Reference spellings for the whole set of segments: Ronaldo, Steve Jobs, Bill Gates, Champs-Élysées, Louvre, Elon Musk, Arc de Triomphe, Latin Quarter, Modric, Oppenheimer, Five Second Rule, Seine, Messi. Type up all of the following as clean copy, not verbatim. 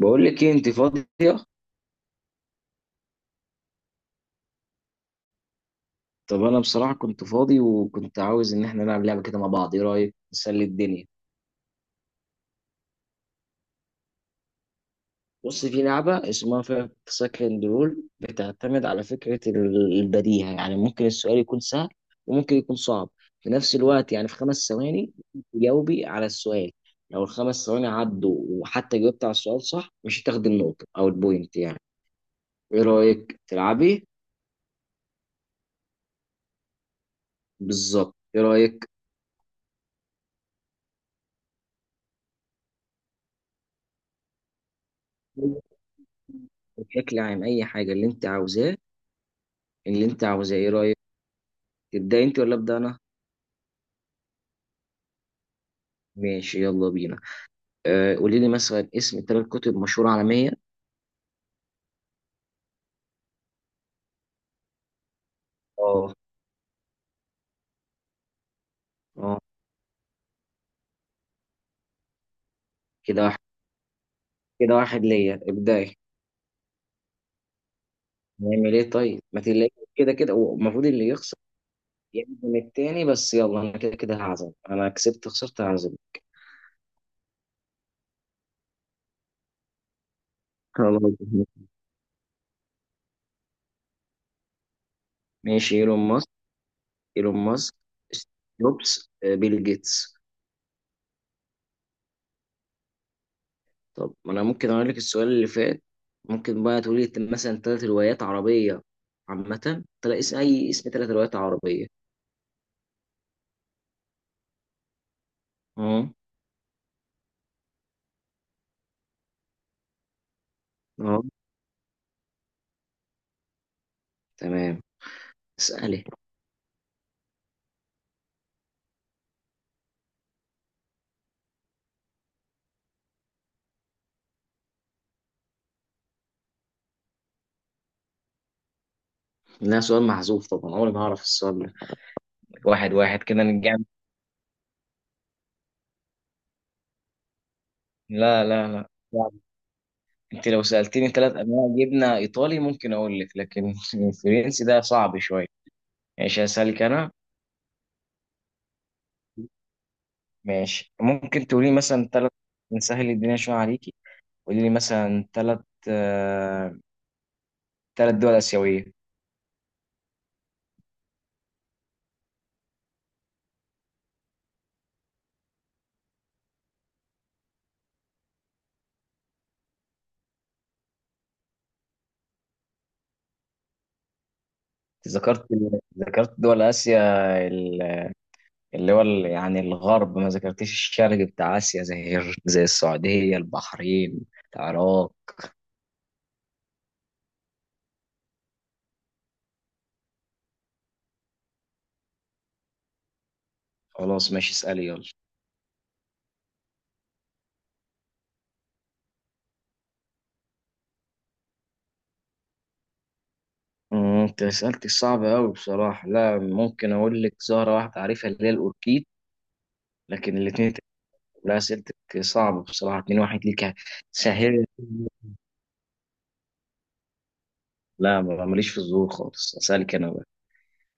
بقول لك ايه؟ انت فاضيه؟ طب انا بصراحه كنت فاضي وكنت عاوز ان احنا نلعب لعبه كده مع بعض، ايه رايك نسلي الدنيا؟ بص، في لعبه اسمها فايف سكند رول، بتعتمد على فكره البديهه، يعني ممكن السؤال يكون سهل وممكن يكون صعب في نفس الوقت، يعني في 5 ثواني تجاوبي على السؤال. لو ال5 ثواني عدوا وحتى جاوبت على السؤال صح مش هتاخدي النقطه او البوينت يعني. ايه رايك تلعبي؟ بالظبط، ايه رايك؟ بشكل عام، اي حاجه اللي انت عاوزاه، اللي انت عاوزاه، ايه رايك؟ تبدا انت ولا ابدا انا؟ ماشي يلا بينا. قولي لي مثلا اسم ثلاث كتب مشهوره عالميه. اه. اه. كده واحد كده واحد ليا ابداي. نعمل ايه طيب؟ ما تلاقي كده كده هو المفروض اللي يخسر يعزم التاني، بس يلا، انا كده كده هعزم، انا كسبت خسرت هعزم. خلاص ماشي. ايلون ماسك. ايلون ماسك ستيف جوبز، بيل جيتس. طب ما انا ممكن اقول لك السؤال اللي فات. ممكن بقى تقولي لي مثلا ثلاث روايات عربية عامة؟ تلاقي اسم، اي اسم، ثلاث روايات عربية. اه. اه. تمام، اسألي. لا، سؤال محذوف طبعا، عمري ما هعرف السؤال ده. واحد واحد كده نرجع. لا لا لا، صعب. انت لو سألتني ثلاث انواع جبنة ايطالي ممكن اقول لك، لكن الفرنسي ده صعب شوية. ماشي هسألك انا. ماشي، ممكن تقولي مثلا ثلاث، نسهل الدنيا شوية عليكي، قولي لي مثلا ثلاث، ثلاث دول آسيوية. ذكرت ذكرت دول آسيا ال- اللي هو يعني الغرب، ما ذكرتش الشرق بتاع آسيا، زي زي السعودية، البحرين، العراق. خلاص ماشي، اسألي يلا. انت سألتي صعبة أوي بصراحة. لا، ممكن أقول لك زهرة واحدة عارفها اللي هي الأوركيد، لكن الاتنين لا، أسئلتك صعبة بصراحة، اتنين واحد ليك. سهل. لا، ماليش في الزهور خالص، أسألك أنا بقى.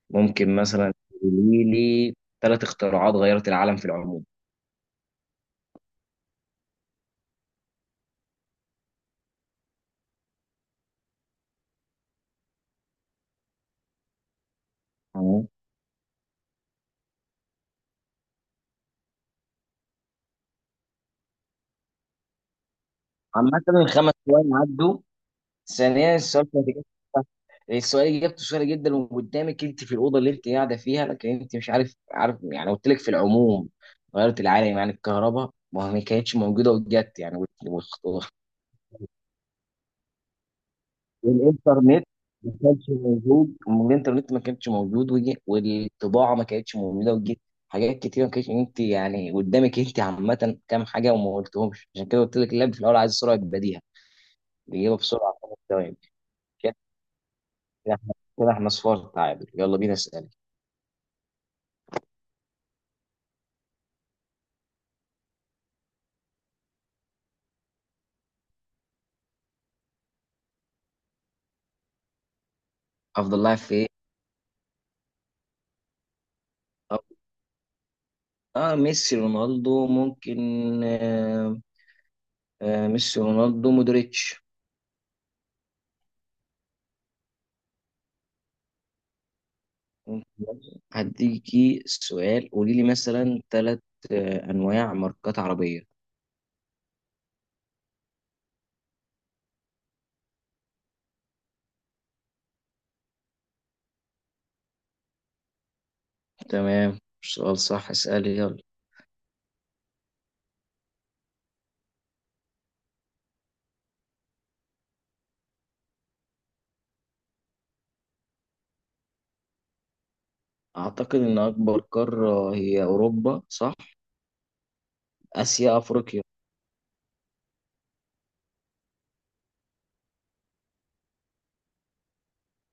ممكن مثلا تقولي لي ثلاث اختراعات غيرت العالم في العموم. عامة ال5 ثواني عدوا. ثانيا السؤال كان السؤال اجابته سهله جدا وقدامك انت في الاوضه اللي انت قاعده فيها، لكن انت مش عارف عارف، يعني قلت لك في العموم غيرت العالم، يعني الكهرباء ما كانتش موجوده وجت، يعني والخ- والانترنت ما كانش موجود، وجي، والطباعه ما كانتش موجوده وجت. حاجات كتير ما كانتش، انت يعني قدامك انت عامه كام حاجه وما قلتهمش، عشان كده قلت لك اللعب في الاول عايز سرعه بديهه، الاجابه بسرعه 5 ثواني. كده احنا، كده احنا صفار تعادل. يلا بينا اسأل. افضل لاعب في ايه؟ اه، ميسي، رونالدو، ممكن. آه ميسي، رونالدو، مودريتش. ممكن. هديكي سؤال. قولي لي مثلا ثلاث انواع ماركات عربية. تمام، سؤال صح، اسألي يلا. اعتقد ان اكبر قارة هي اوروبا، صح؟ اسيا، افريقيا.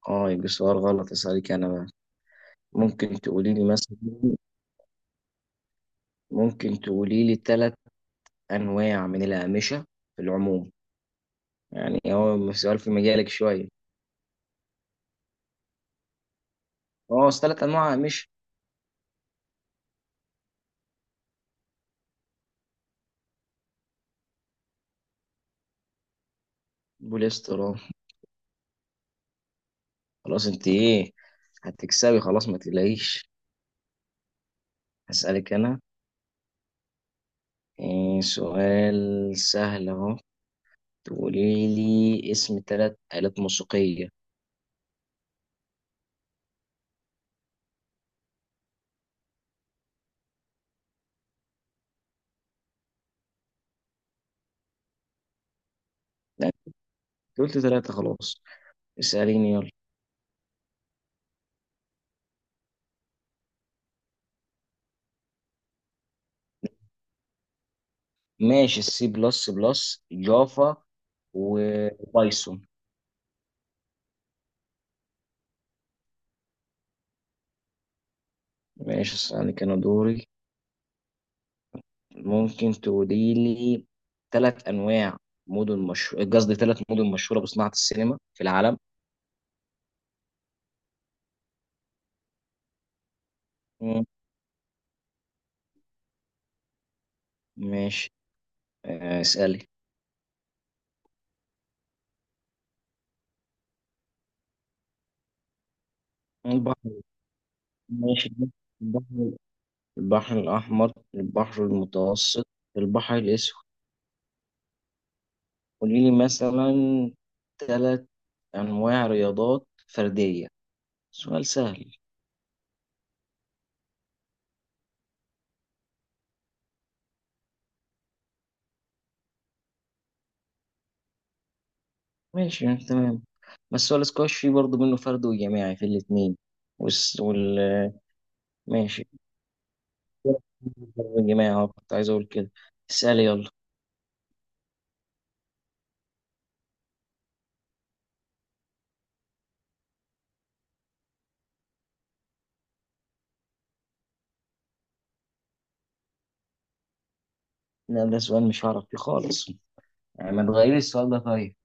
اه يبقى سؤال غلط، اسألك انا بقى. ممكن تقولي لي مثلا، ممكن تقولي لي ثلاث انواع من الاقمشة في العموم؟ يعني هو سؤال في مجالك شوية. هو أصل تلات أنواع مش. بوليسترول. خلاص أنت إيه، هتكسبي خلاص، ما تقلقيش. هسألك أنا. إيه، سؤال سهل أهو، تقولي لي اسم تلات آلات موسيقية. لا أنت قلت تلاتة خلاص، اسأليني يلا. ماشي، السي بلس بلس، جافا، وبايثون. ماشي أسألك أنا دوري. ممكن تقولي لي ثلاث انواع مدن، مش قصدي، ثلاث مدن مشهوره بصناعه السينما في العالم. مم. ماشي. اسالي. البحر. ماشي، البحر، البحر الاحمر، البحر المتوسط، البحر الاسود. قولي لي مثلا ثلاث انواع رياضات فرديه، سؤال سهل. ماشي تمام. بس هو الاسكواش فيه برضه منه فرد وجماعي في الاثنين، وال. ماشي يا جماعة، أهو كنت عايز أقول كده. اسألي يلا. لا ده سؤال مش هعرف فيه خالص، يعني ما تغيري السؤال ده طيب.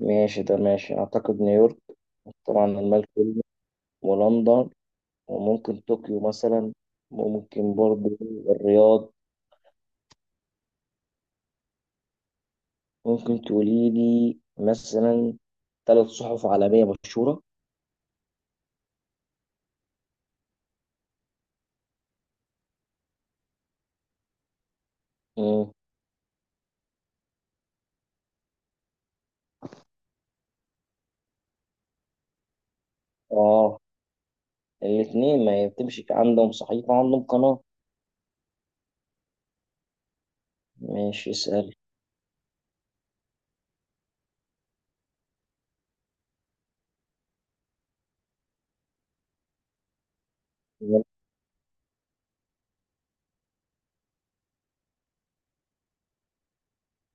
ماشي ده ماشي، أعتقد نيويورك، طبعا الملك فيلم، ولندن، وممكن طوكيو مثلا، وممكن برضه الرياض. ممكن تقولي لي مثلا ثلاث صحف عالمية مشهورة. مم. آه الاتنين، ما هي بتمشي عندهم صحيفة عندهم قناة. ماشي اسألي.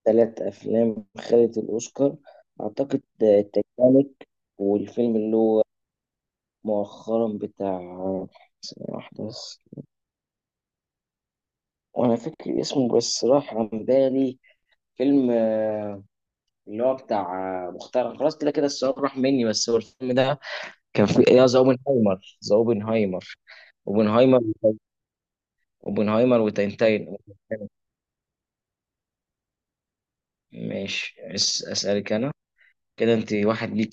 ثلاث أفلام خدت الأوسكار. أعتقد تitanic، والفيلم اللي هو مؤخرا بتاع، ثانية واحدة بس وأنا فاكر اسمه بس راح عن بالي. فيلم اللي هو بتاع، مختار. خلاص كده كده السؤال راح مني، بس هو الفيلم ده كان فيه، يا ذا اوبنهايمر، ذا اوبنهايمر. اوبنهايمر. اوبنهايمر وتنتين. ماشي أسألك أنا. كده أنت واحد ليك،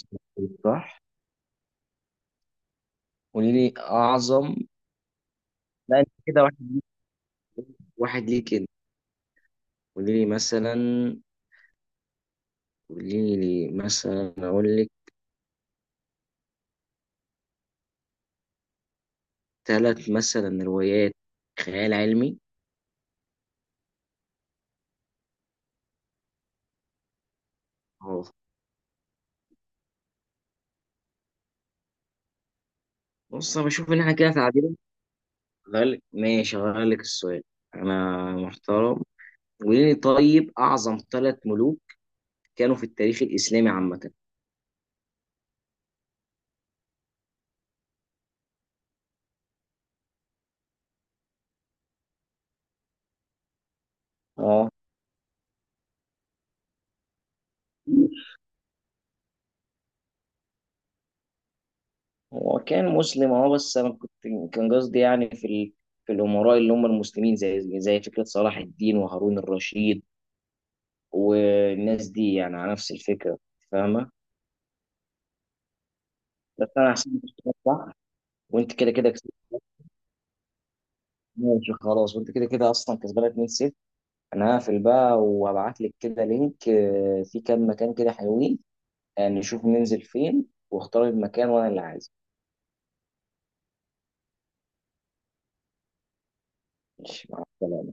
صح؟ قولي لي أعظم. لا أنت كده واحد، واحد ليك كده. قولي لي مثلا، قولي لي مثلا اقول لك ثلاث مثلا روايات خيال علمي. اهو. بص انا بشوف ان احنا كده تعادل، هغير لك ماشي، هغير لك السؤال، انا محترم. قولي لي طيب اعظم ثلاث ملوك كانوا في التاريخ الاسلامي عامه. اه. هو كان مسلم اه، بس انا كنت كان قصدي يعني في في الامراء اللي هم المسلمين، زي فكره صلاح الدين وهارون الرشيد والناس دي، يعني على نفس الفكره. فاهمه؟ بس انا هسيبك تشتغل صح. وانت كده كده كسبت. ماشي خلاص، وانت كده كده اصلا كسبانه 2-0. انا هقفل بقى وهبعت لك كده لينك، في كام مكان كده حلوين، نشوف ننزل فين واختار المكان وانا اللي عايزه. ماشي مع السلامه.